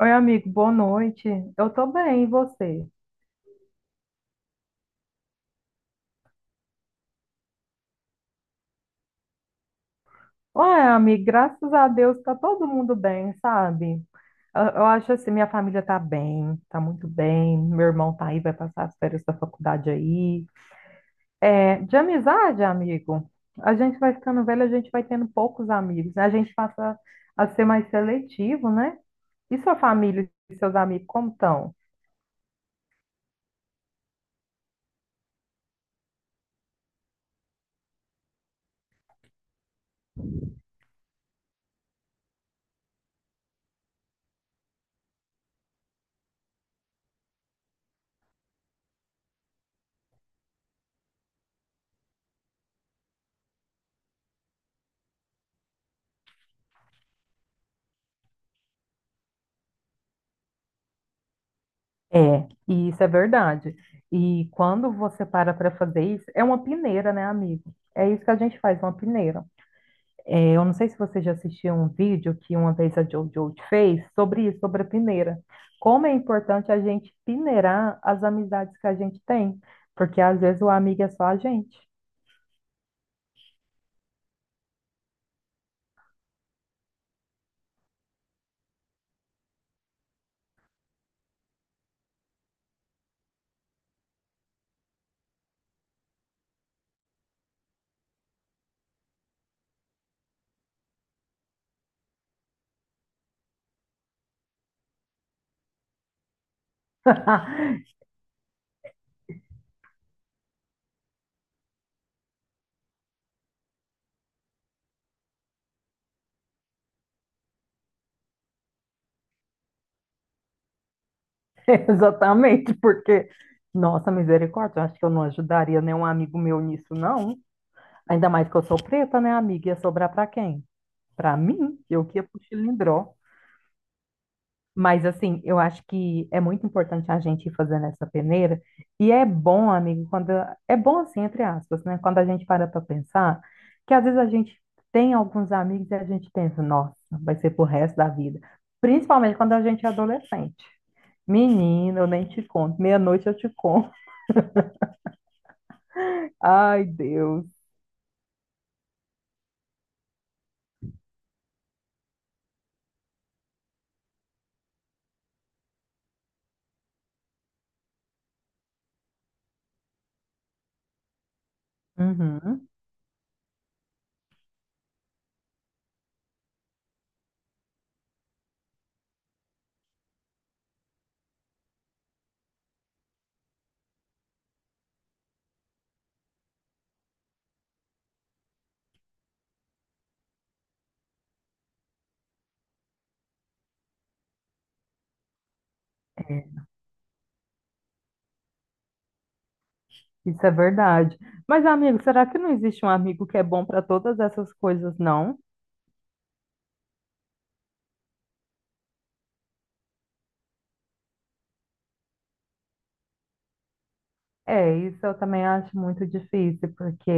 Oi, amigo, boa noite. Eu tô bem, e você? Ué, amigo, graças a Deus tá todo mundo bem, sabe? Eu acho assim, minha família tá bem, tá muito bem. Meu irmão tá aí, vai passar as férias da faculdade aí. É, de amizade, amigo, a gente vai ficando velho, a gente vai tendo poucos amigos, né? A gente passa a ser mais seletivo, né? E sua família e seus amigos, como estão? É, e isso é verdade. E quando você para para fazer isso, é uma peneira, né, amigo? É isso que a gente faz, uma peneira. É, eu não sei se você já assistiu um vídeo que uma vez a JoJo fez sobre isso, sobre a peneira. Como é importante a gente peneirar as amizades que a gente tem, porque às vezes o amigo é só a gente. Exatamente, porque, nossa misericórdia, eu acho que eu não ajudaria nenhum amigo meu nisso, não. Ainda mais que eu sou preta, né, amiga? Ia sobrar para quem? Para mim, eu que ia pro Chilindró. Mas, assim, eu acho que é muito importante a gente ir fazendo essa peneira. E é bom, amigo, quando. É bom, assim, entre aspas, né? Quando a gente para para pensar, que às vezes a gente tem alguns amigos e a gente pensa, nossa, vai ser pro resto da vida. Principalmente quando a gente é adolescente. Menina, eu nem te conto. Meia-noite eu te conto. Ai, Deus. Uhum. É. Isso é verdade. Mas, amigo, será que não existe um amigo que é bom para todas essas coisas, não? É, isso eu também acho muito difícil, porque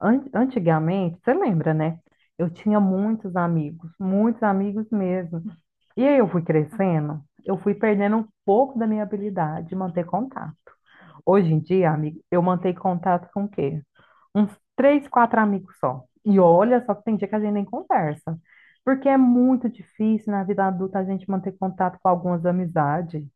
antigamente, você lembra, né? Eu tinha muitos amigos mesmo. E aí eu fui crescendo, eu fui perdendo um pouco da minha habilidade de manter contato. Hoje em dia, amigo, eu mantenho contato com o quê? Uns três, quatro amigos só. E olha só que tem dia que a gente nem conversa. Porque é muito difícil na vida adulta a gente manter contato com algumas amizades.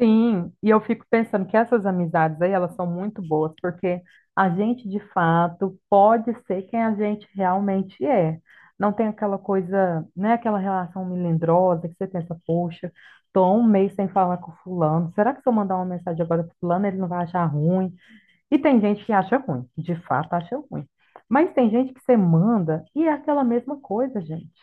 Sim, e eu fico pensando que essas amizades aí, elas são muito boas, porque a gente de fato pode ser quem a gente realmente é. Não tem aquela coisa, né, aquela relação melindrosa que você pensa, poxa, tô há um mês sem falar com fulano, será que se eu mandar uma mensagem agora pro fulano, ele não vai achar ruim? E tem gente que acha ruim, de fato acha ruim. Mas tem gente que você manda e é aquela mesma coisa, gente.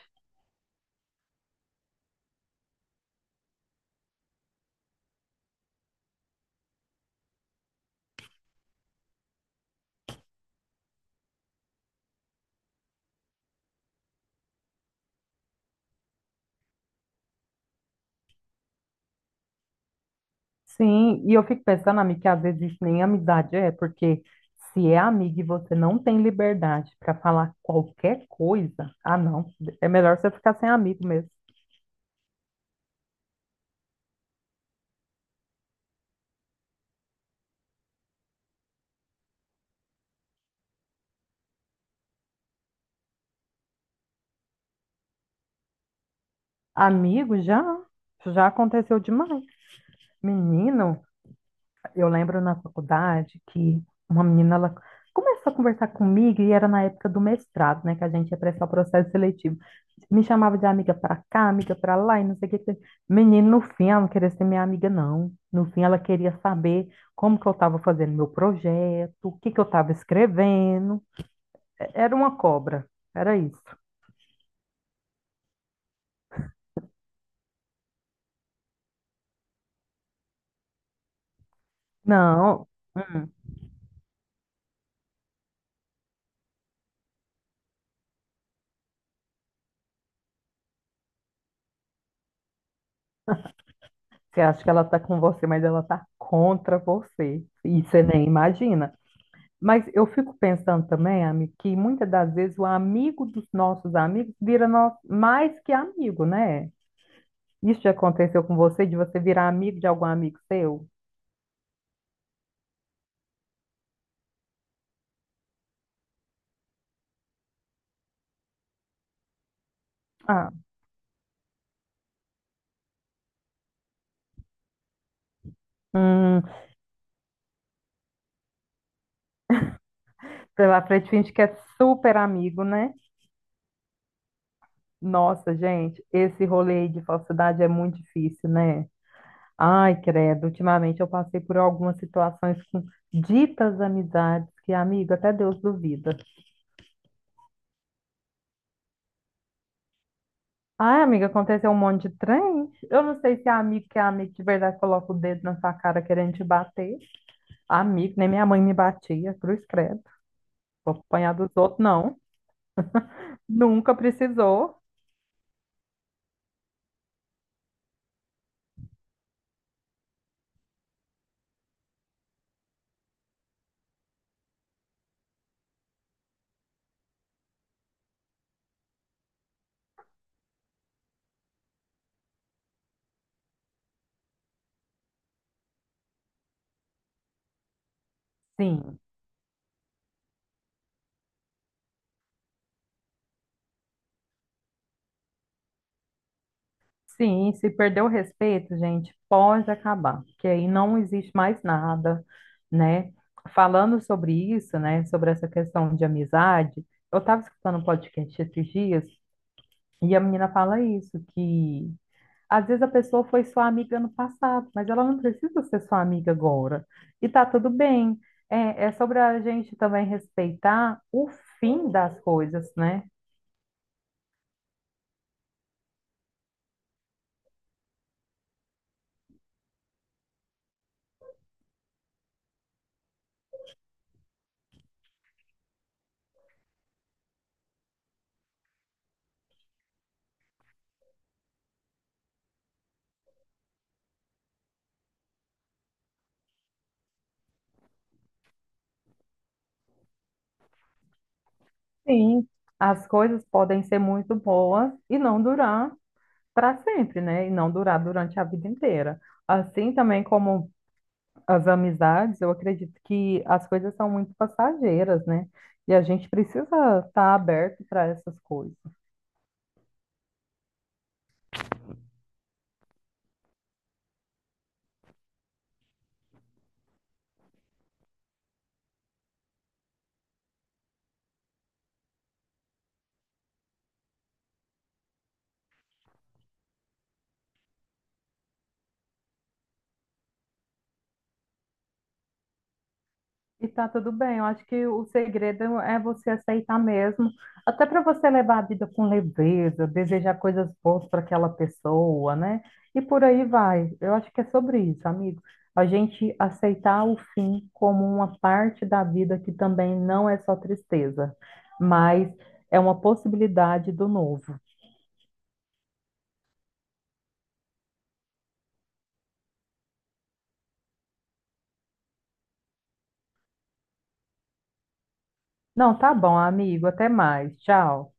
Sim, e eu fico pensando, amiga, que às vezes isso nem amizade é, porque se é amigo e você não tem liberdade para falar qualquer coisa, ah, não, é melhor você ficar sem amigo mesmo. Amigo, já, já aconteceu demais. Menino, eu lembro na faculdade que uma menina ela começou a conversar comigo e era na época do mestrado, né, que a gente ia prestar o processo seletivo. Me chamava de amiga para cá, amiga para lá e não sei o que. Menino, no fim, ela não queria ser minha amiga, não. No fim, ela queria saber como que eu estava fazendo meu projeto, o que que eu estava escrevendo. Era uma cobra, era isso. Não, hum, você acha que ela está com você, mas ela está contra você. E você nem imagina. Mas eu fico pensando também, Ami, que muitas das vezes o amigo dos nossos amigos vira nós mais que amigo, né? Isso já aconteceu com você, de você virar amigo de algum amigo seu? Ah, hum, pela frente finge que é super amigo, né? Nossa, gente, esse rolê aí de falsidade é muito difícil, né? Ai, credo, ultimamente eu passei por algumas situações com ditas amizades que, amigo, até Deus duvida. Ai, amiga, aconteceu um monte de trem. Eu não sei se é amigo que é amigo de verdade coloca o dedo na sua cara querendo te bater. Amigo, nem minha mãe me batia, cruz credo. Vou apanhar dos outros, não. Nunca precisou. Sim. Sim, se perder o respeito, gente, pode acabar, porque aí não existe mais nada, né? Falando sobre isso, né, sobre essa questão de amizade, eu estava escutando um podcast esses dias e a menina fala isso, que às vezes a pessoa foi sua amiga no passado, mas ela não precisa ser sua amiga agora. E tá tudo bem. É, é sobre a gente também respeitar o fim das coisas, né? Sim, as coisas podem ser muito boas e não durar. Para sempre, né? E não durar durante a vida inteira. Assim também como as amizades, eu acredito que as coisas são muito passageiras, né? E a gente precisa estar aberto para essas coisas. E tá tudo bem, eu acho que o segredo é você aceitar mesmo, até para você levar a vida com leveza, desejar coisas boas para aquela pessoa, né? E por aí vai. Eu acho que é sobre isso, amigo. A gente aceitar o fim como uma parte da vida que também não é só tristeza, mas é uma possibilidade do novo. Não, tá bom, amigo, até mais. Tchau.